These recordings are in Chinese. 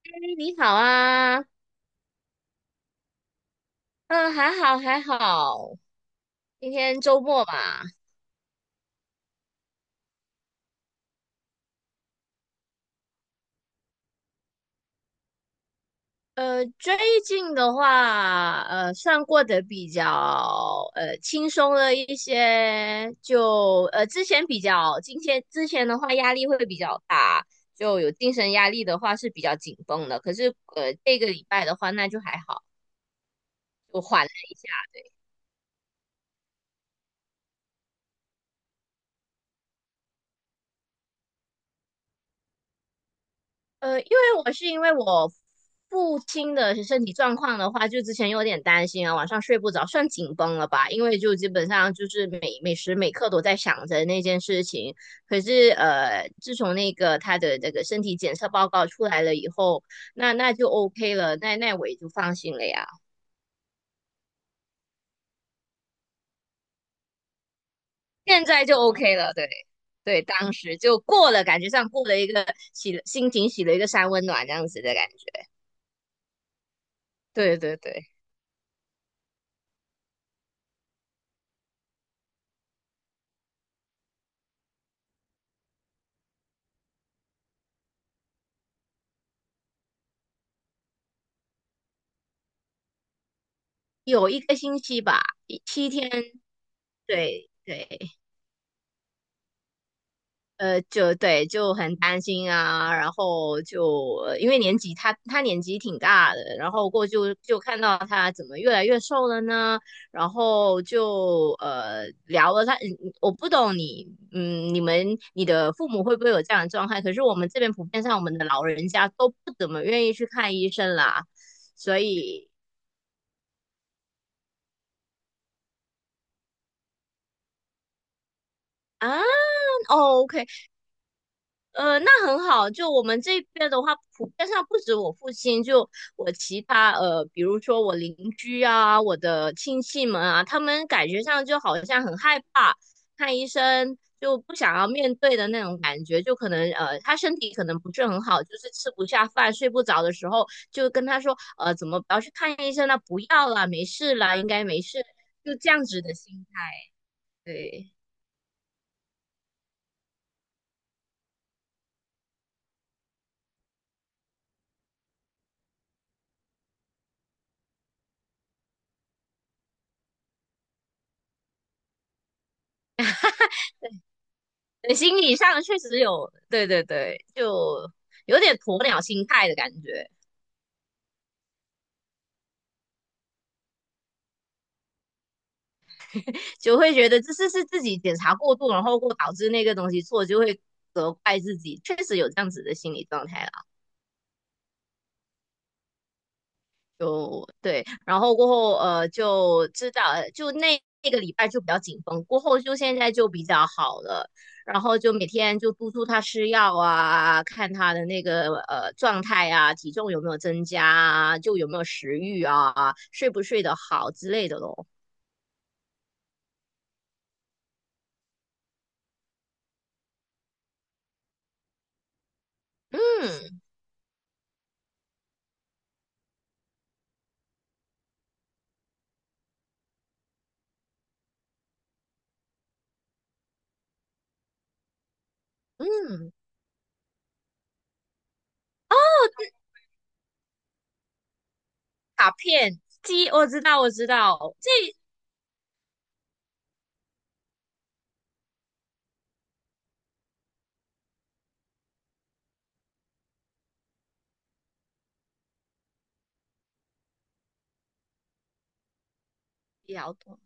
哎你好啊，嗯，还好还好。今天周末嘛。最近的话，算过得比较轻松了一些，就之前比较，今天之前的话压力会比较大，就有精神压力的话是比较紧绷的。可是这个礼拜的话那就还好，就缓了。因为我父亲的身体状况的话，就之前有点担心啊，晚上睡不着，算紧绷了吧？因为就基本上就是每时每刻都在想着那件事情。可是自从那个他的那个身体检测报告出来了以后，那就 OK 了，那我也就放心了呀。现在就 OK 了，对对，当时就过了，感觉上过了一个洗了心情洗了一个三温暖这样子的感觉。对对对。有一个星期吧，7天，对对。就对，就很担心啊，然后就因为年纪，他年纪挺大的，然后过就看到他怎么越来越瘦了呢，然后就聊了他。嗯我不懂你，你们你的父母会不会有这样的状态？可是我们这边普遍上，我们的老人家都不怎么愿意去看医生啦，所以啊，OK。 那很好。就我们这边的话，普遍上不止我父亲，就我其他比如说我邻居啊，我的亲戚们啊，他们感觉上就好像很害怕看医生，就不想要面对的那种感觉。就可能他身体可能不是很好，就是吃不下饭、睡不着的时候，就跟他说，怎么不要去看医生了？不要了，没事了，应该没事，就这样子的心态。对。对，心理上确实有，对对对，就有点鸵鸟心态的感觉。就会觉得这是自己检查过度，然后过导致那个东西错，就会责怪自己，确实有这样子的心理状态了。就对，然后过后就知道，就那个礼拜就比较紧绷，过后就现在就比较好了，然后就每天就督促他吃药啊，看他的那个状态啊，体重有没有增加啊，就有没有食欲啊，睡不睡得好之类的咯。嗯嗯，卡片机我知道我知道，这比较多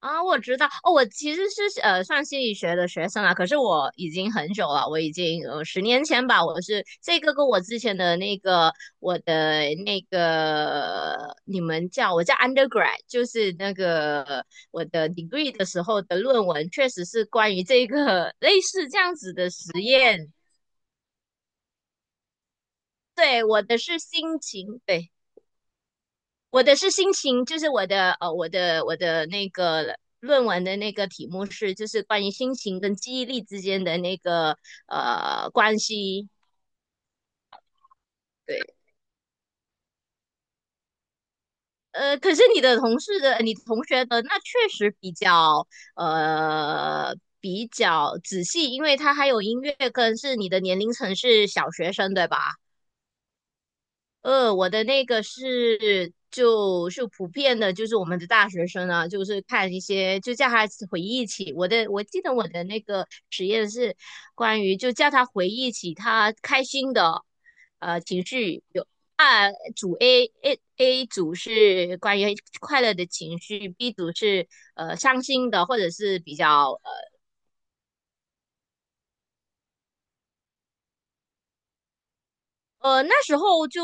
啊，我知道哦。我其实是算心理学的学生啦，可是我已经很久了，我已经10年前吧，我是这个跟我之前的那个我的那个你们叫我叫 undergrad，就是那个我的 degree 的时候的论文，确实是关于这个 类似这样子的实验。对，我的是心情，对，我的是心情，就是我的我的那个论文的那个题目是，就是关于心情跟记忆力之间的那个关系。对。可是你的同事的、你同学的那确实比较呃比较仔细，因为他还有音乐跟是你的年龄层是小学生，对吧？我的那个是就是普遍的，就是我们的大学生啊，就是看一些就叫他回忆起我的，我记得我的那个实验是关于就叫他回忆起他开心的情绪，有组 A A A 组是关于快乐的情绪，B 组是伤心的或者是比较那时候就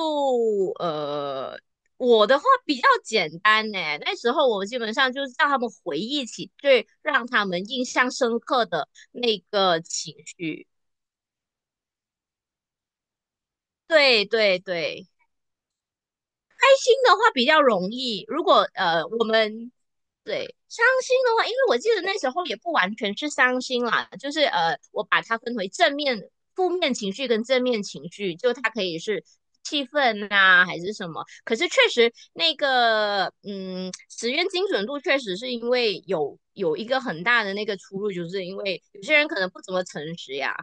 呃，我的话比较简单呢。那时候我基本上就是让他们回忆起最让他们印象深刻的那个情绪。对对对。开心的话比较容易，如果我们对伤心的话，因为我记得那时候也不完全是伤心啦，就是我把它分为正面、负面情绪跟正面情绪，就它可以是气氛啊还是什么。可是确实那个实验精准度确实是因为有一个很大的那个出入，就是因为有些人可能不怎么诚实呀。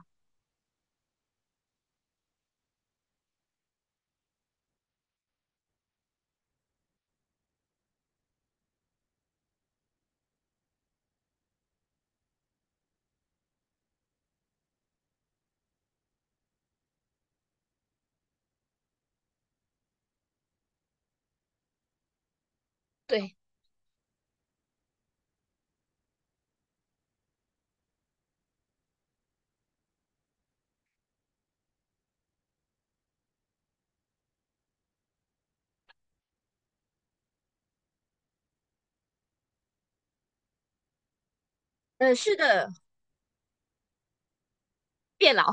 对，是的，变老。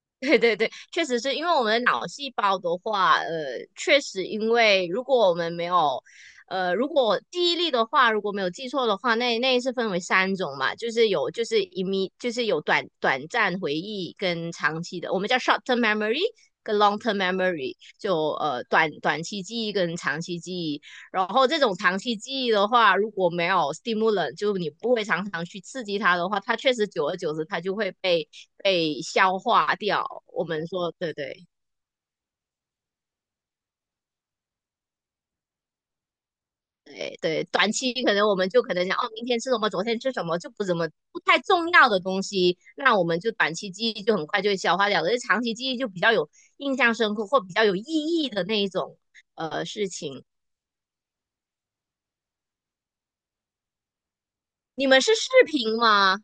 对对对，确实是因为我们的脑细胞的话，确实因为如果我们没有，如果记忆力的话，如果没有记错的话，那是分为三种嘛，就是有就是一米，就是有短暂回忆跟长期的，我们叫 short term memory 跟 long term memory，就短期记忆跟长期记忆。然后这种长期记忆的话，如果没有 stimulant，就你不会常常去刺激它的话，它确实久而久之它就会被消化掉。我们说，对对对对，短期可能我们就可能想，哦，明天吃什么，昨天吃什么，就不怎么不太重要的东西，那我们就短期记忆就很快就会消化掉，而长期记忆就比较有印象深刻或比较有意义的那一种事情。你们是视频吗？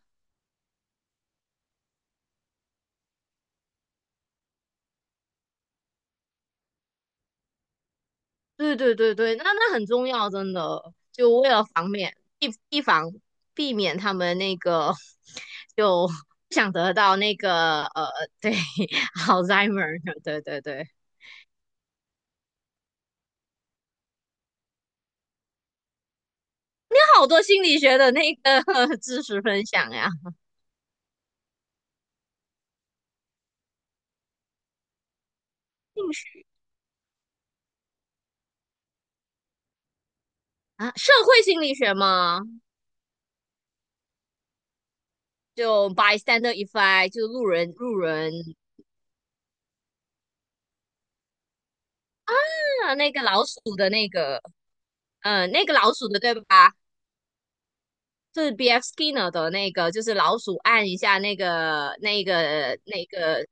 对对对对，那很重要，真的，就为了防免避避防避免他们那个 就不想得到那个对 ，Alzheimer，对对对。好多心理学的那个 知识分享呀，兴趣啊。社会心理学吗？就 bystander effect，就路人路人，是啊。那个老鼠的那个，那个老鼠的对吧？是 B.F. Skinner 的那个，就是老鼠按一下那个，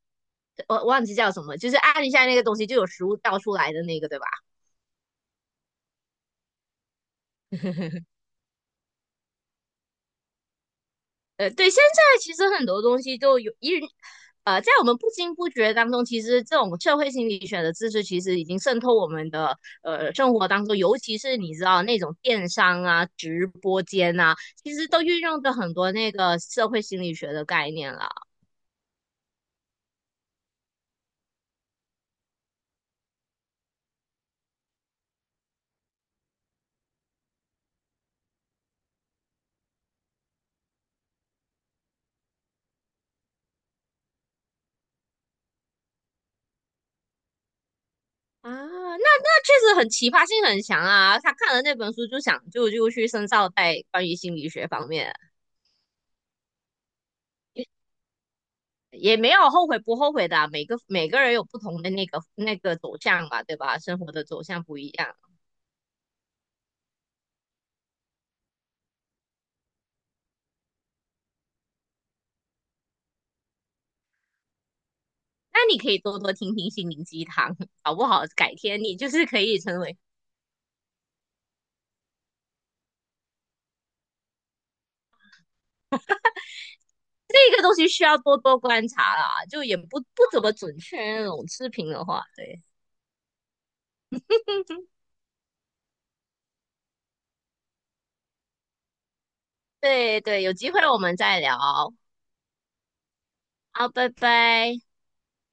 我忘记叫什么，就是按一下那个东西就有食物倒出来的那个，对吧？对，现在其实很多东西都有在我们不经不觉当中，其实这种社会心理学的知识其实已经渗透我们的生活当中，尤其是你知道那种电商啊、直播间啊，其实都运用着很多那个社会心理学的概念了。啊，那确实很奇葩性很强啊！他看了那本书就想就就去深造在关于心理学方面，也没有后悔不后悔的啊，每个人有不同的那个走向嘛，对吧？生活的走向不一样。那你可以多多听听心灵鸡汤，搞不好改天你就是可以成为，这个东西需要多多观察啦，就也不怎么准确那种视频的话，对 对对，有机会我们再聊，好，拜拜。